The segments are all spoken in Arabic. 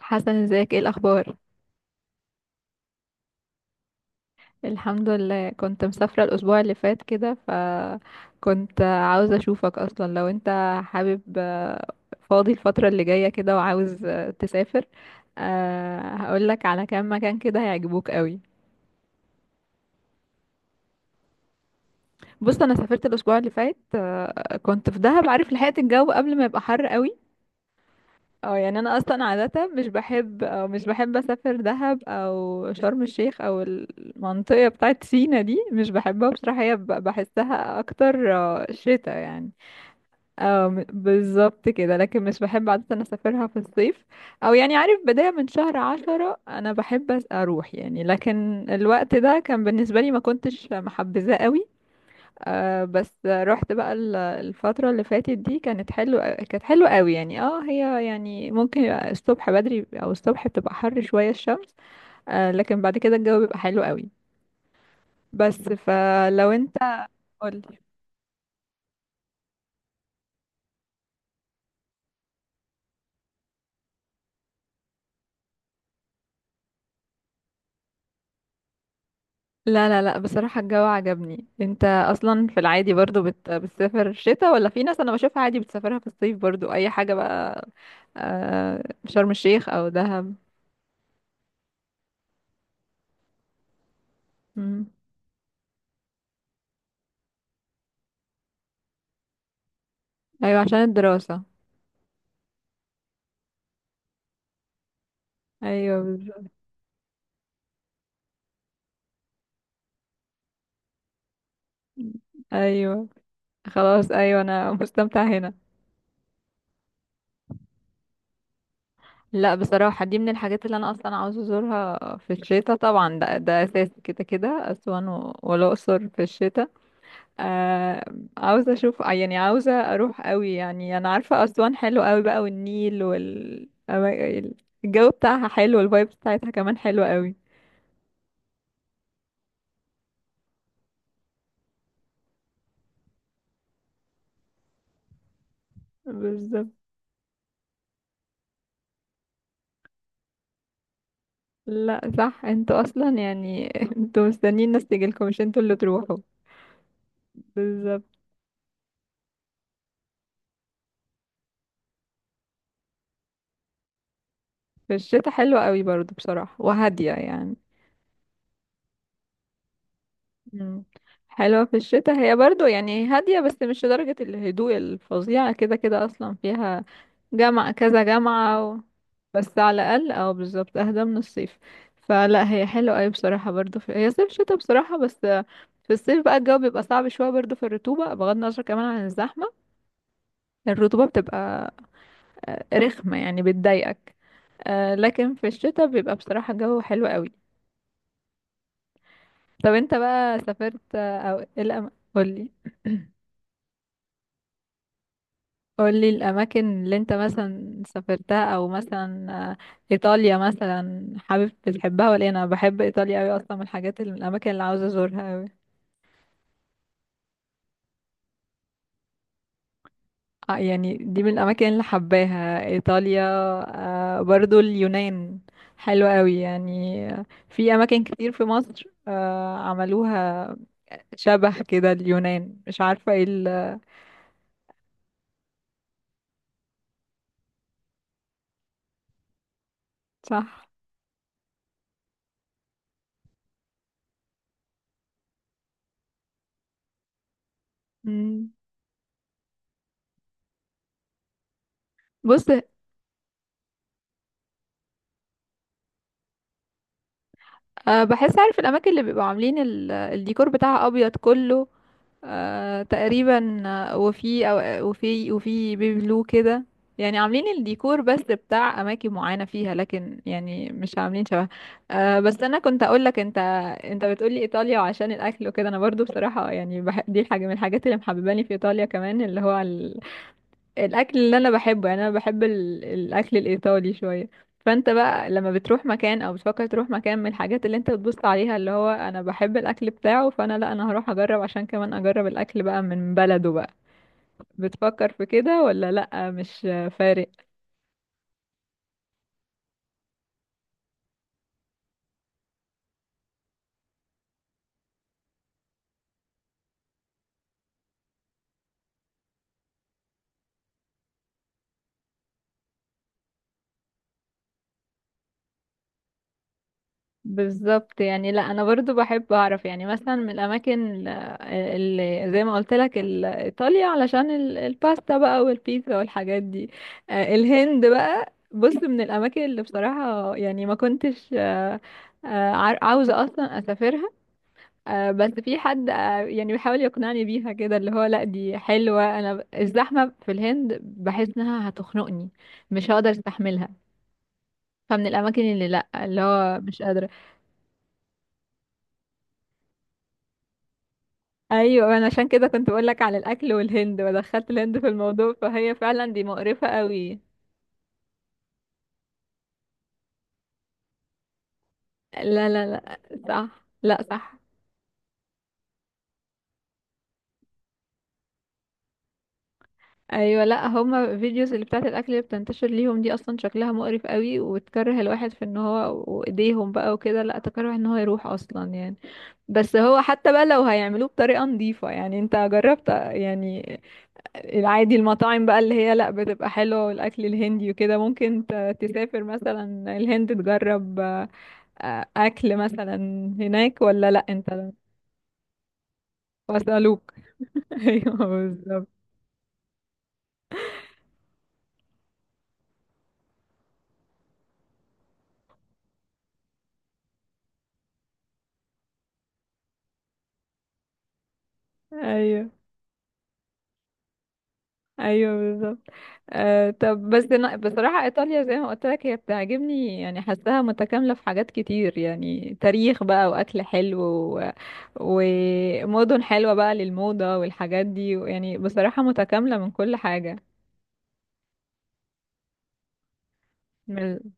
حسن ازيك ايه الاخبار؟ الحمد لله، كنت مسافرة الاسبوع اللي فات كده، فكنت عاوزة اشوفك اصلا لو انت حابب، فاضي الفترة اللي جاية كده وعاوز تسافر. هقولك على كام مكان كده هيعجبوك قوي. بص انا سافرت الاسبوع اللي فات، كنت في دهب، عارف لحقت الجو قبل ما يبقى حر قوي. اه يعني انا اصلا عاده مش بحب اسافر دهب او شرم الشيخ او المنطقه بتاعت سينا دي، مش بحبها بصراحه، هي بحسها اكتر شتا يعني. بالظبط كده، لكن مش بحب عاده اسافرها في الصيف. او يعني عارف بدايه من شهر عشرة انا بحب اروح يعني، لكن الوقت ده كان بالنسبه لي ما كنتش محبذاه قوي. آه بس رحت بقى الفترة اللي فاتت دي، كانت حلوة قوي يعني. اه هي يعني ممكن يبقى الصبح بدري او الصبح بتبقى حر شوية الشمس، آه لكن بعد كده الجو بيبقى حلو قوي. بس فلو انت قولي. لا، بصراحة الجو عجبني. انت اصلا في العادي برضو بتسافر شتاء، ولا في ناس انا بشوفها عادي بتسافرها في الصيف برضو، اي حاجة بقى، شرم الشيخ او دهب. مم. ايوه عشان الدراسة. ايوه بالظبط. ايوه خلاص، ايوه انا مستمتعه هنا. لا بصراحه دي من الحاجات اللي انا اصلا عاوزه ازورها في الشتاء طبعا، ده اساسي كده كده، اسوان والاقصر في الشتاء. آه عاوزه اشوف يعني، عاوزه اروح قوي يعني، انا عارفه اسوان حلو قوي بقى والنيل الجو بتاعها حلو والفايب بتاعتها كمان حلوه قوي. بالظبط. لا صح انتوا اصلا يعني انتوا مستنيين الناس تيجي لكم مش انتوا اللي تروحوا. بالظبط. في الشتاء حلوه قوي برضو بصراحه، وهاديه يعني. مم. حلوة في الشتاء هي برضو يعني هادية، بس مش لدرجة الهدوء الفظيعة، كده كده أصلا فيها جامعة كذا جامعة بس على الأقل، أو بالظبط أهدى من الصيف. فلا هي حلوة أوي بصراحة برضو، هي صيف شتاء بصراحة، بس في الصيف بقى الجو بيبقى صعب شوية برضو، في الرطوبة، بغض النظر كمان عن الزحمة. الرطوبة بتبقى رخمة يعني، بتضايقك. لكن في الشتاء بيبقى بصراحة الجو حلو أوي. طب انت بقى سافرت أو إيه قولي. قولي الأماكن اللي انت مثلا سافرتها، أو مثلا، إيطاليا مثلا حابب بتحبها ولا إيه؟ أنا بحب إيطاليا أوي، أصلا من الحاجات اللي، من الأماكن اللي عاوزة أزورها أوي. يعني دي من الأماكن اللي حباها إيطاليا، برضو اليونان حلوة أوي يعني. في أماكن كتير في مصر عملوها شبه كده اليونان، مش عارفة ايه صح. مم. بص بحس عارف الأماكن اللي بيبقوا عاملين الديكور بتاعها أبيض كله، آه تقريبا، آه، وفي أو وفي وفي بيبي بلو كده، يعني عاملين الديكور بس بتاع اماكن معينه فيها، لكن يعني مش عاملين شبه. آه بس انا كنت اقول لك انت، انت بتقولي ايطاليا وعشان الاكل وكده، انا برضو بصراحه يعني دي حاجه من الحاجات اللي محبباني في ايطاليا كمان، اللي هو الاكل اللي انا بحبه يعني، انا بحب الاكل الايطالي شويه. فانت بقى لما بتروح مكان او بتفكر تروح مكان، من الحاجات اللي انت بتبص عليها اللي هو انا بحب الاكل بتاعه، فانا لا انا هروح اجرب عشان كمان اجرب الاكل بقى من بلده بقى. بتفكر في كده ولا لا مش فارق؟ بالظبط يعني، لا انا برضو بحب اعرف يعني، مثلا من الاماكن اللي زي ما قلت لك ايطاليا، علشان الباستا بقى والبيتزا والحاجات دي. الهند بقى بص، من الاماكن اللي بصراحة يعني ما كنتش عاوزة اصلا اسافرها. بس في حد يعني بيحاول يقنعني بيها كده، اللي هو لا دي حلوة، انا الزحمة في الهند بحس انها هتخنقني، مش هقدر استحملها. فمن الاماكن اللي لا اللي هو مش قادرة. ايوه انا عشان كده كنت بقول لك على الاكل والهند، ودخلت الهند في الموضوع، فهي فعلا دي مقرفة قوي. لا، صح، لا صح. ايوه لا هما فيديوز اللي بتاعت الاكل اللي بتنتشر ليهم دي اصلا شكلها مقرف قوي، وتكره الواحد في ان هو وايديهم بقى وكده، لا تكره ان هو يروح اصلا يعني. بس هو حتى بقى لو هيعملوه بطريقة نظيفة يعني، انت جربت يعني العادي المطاعم بقى اللي هي لا بتبقى حلوة والاكل الهندي وكده، ممكن تسافر مثلا الهند تجرب اكل مثلا هناك، ولا لا انت؟ واسالوك ايوه بالظبط. ايوه. ايوه بالظبط. آه طب بس أنا بصراحه ايطاليا زي ما قلت لك هي بتعجبني يعني، حاساها متكامله في حاجات كتير يعني، تاريخ بقى واكل حلو ومدن حلوه بقى للموضه والحاجات دي يعني، بصراحه متكامله من كل حاجه. من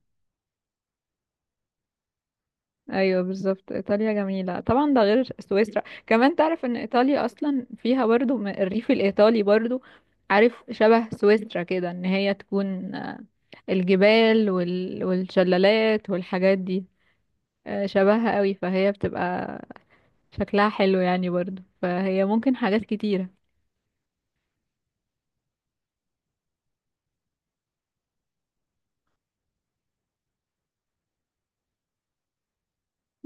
ايوه بالظبط، ايطاليا جميله طبعا، ده غير سويسرا كمان، تعرف ان ايطاليا اصلا فيها برضو الريف الايطالي برضو، عارف شبه سويسرا كده، ان هي تكون الجبال والشلالات والحاجات دي، شبهها قوي، فهي بتبقى شكلها حلو يعني برضو، فهي ممكن حاجات كتيره.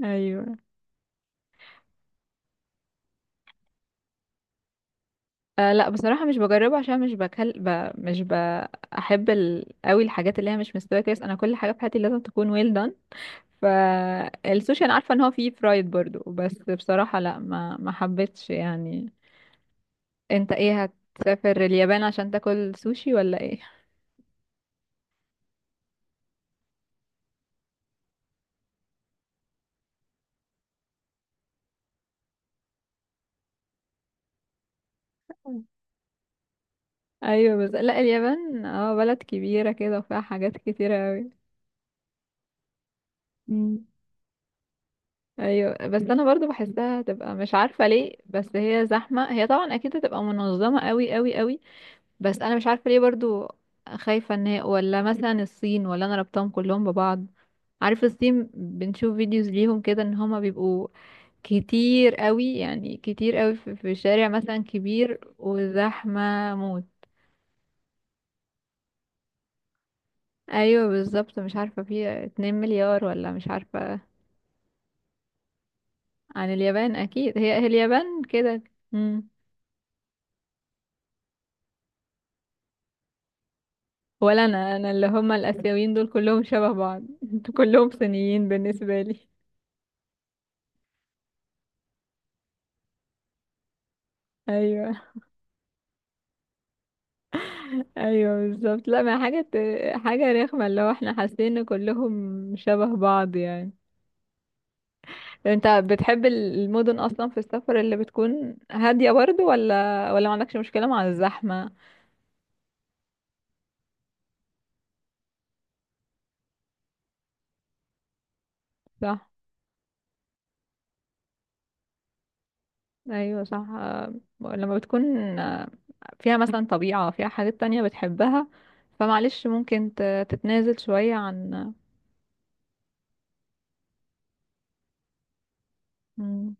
ايوه. أه لا بصراحه مش بجربه، عشان مش بكل مش بحب قوي الحاجات اللي هي مش مستويه كويس، انا كل حاجه في حياتي لازم تكون ويل done. فالسوشي انا عارفه ان هو فيه فرايد برضو، بس بصراحه لا ما حبيتش يعني. انت ايه، هتسافر اليابان عشان تاكل سوشي ولا ايه؟ ايوه بس لا اليابان اه بلد كبيره كده وفيها حاجات كتيره قوي. مم. ايوه بس انا برضو بحسها تبقى مش عارفه ليه، بس هي زحمه، هي طبعا اكيد هتبقى منظمه قوي قوي قوي، بس انا مش عارفه ليه برضو، خايفه ان هي، ولا مثلا الصين، ولا انا ربطهم كلهم ببعض. عارف الصين بنشوف فيديوز ليهم كده ان هما بيبقوا كتير قوي يعني، كتير قوي في شارع مثلا كبير وزحمه موت. ايوه بالظبط، مش عارفه في 2 مليار ولا مش عارفه. عن اليابان اكيد، هي هي اليابان كده. مم. ولا انا، اللي هما الاسيويين دول كلهم شبه بعض كلهم صينيين بالنسبه لي. ايوه. ايوه بالظبط، لا ما حاجه، حاجه رخمه، اللي هو احنا حاسين ان كلهم شبه بعض يعني. انت بتحب المدن اصلا في السفر اللي بتكون هاديه برضو، ولا ولا ما عندكش مشكله مع الزحمه؟ صح. ايوه صح، لما بتكون آه، فيها مثلا طبيعه فيها حاجات تانية بتحبها، فمعلش ممكن تتنازل شويه عن. مم.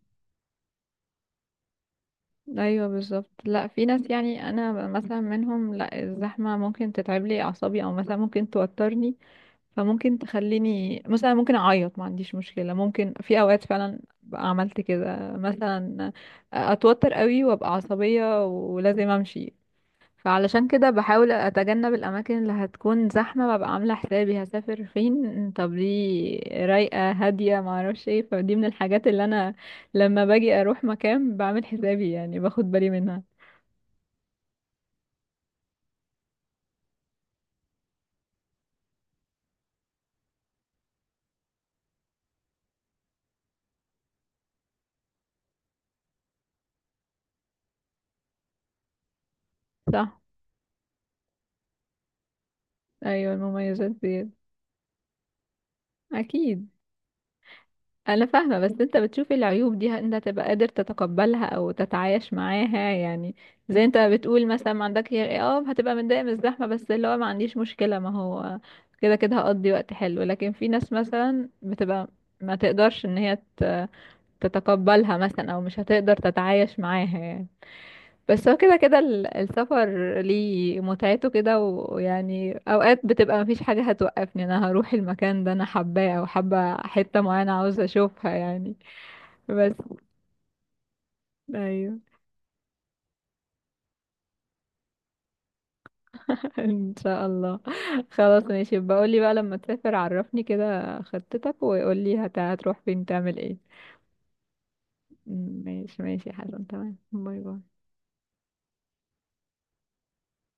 ايوه بالظبط، لا في ناس يعني انا مثلا منهم، لا الزحمه ممكن تتعب لي اعصابي، او مثلا ممكن توترني، فممكن تخليني مثلا ممكن اعيط، ما عنديش مشكله، ممكن في اوقات فعلا بقى عملت كده مثلا، اتوتر قوي وابقى عصبيه ولازم امشي. فعلشان كده بحاول اتجنب الاماكن اللي هتكون زحمه، ببقى عامله حسابي هسافر فين، طب دي رايقه هاديه ما اعرفش ايه، فدي من الحاجات اللي انا لما باجي اروح مكان بعمل حسابي يعني، باخد بالي منها. صح. ايوه المميزات دي. اكيد. انا فاهمة، بس انت بتشوف العيوب دي انت تبقى قادر تتقبلها او تتعايش معاها يعني، زي انت بتقول مثلا ما عندك هتبقى متضايق من الزحمة، بس اللي هو ما عنديش مشكلة، ما هو كده كده هقضي وقت حلو. لكن في ناس مثلا بتبقى ما تقدرش ان هي تتقبلها مثلا، او مش هتقدر تتعايش معاها يعني. بس هو كده كده السفر ليه متعته كده، ويعني اوقات بتبقى مفيش حاجة هتوقفني، انا هروح المكان ده انا حباه، او حابة حتة معينة عاوزة اشوفها يعني. بس. ايوه. ان شاء الله. خلاص ماشي، بقولي بقى لما تسافر عرفني كده خطتك وقولي هتروح فين تعمل ايه. ماشي ماشي يا حسن، تمام، باي باي.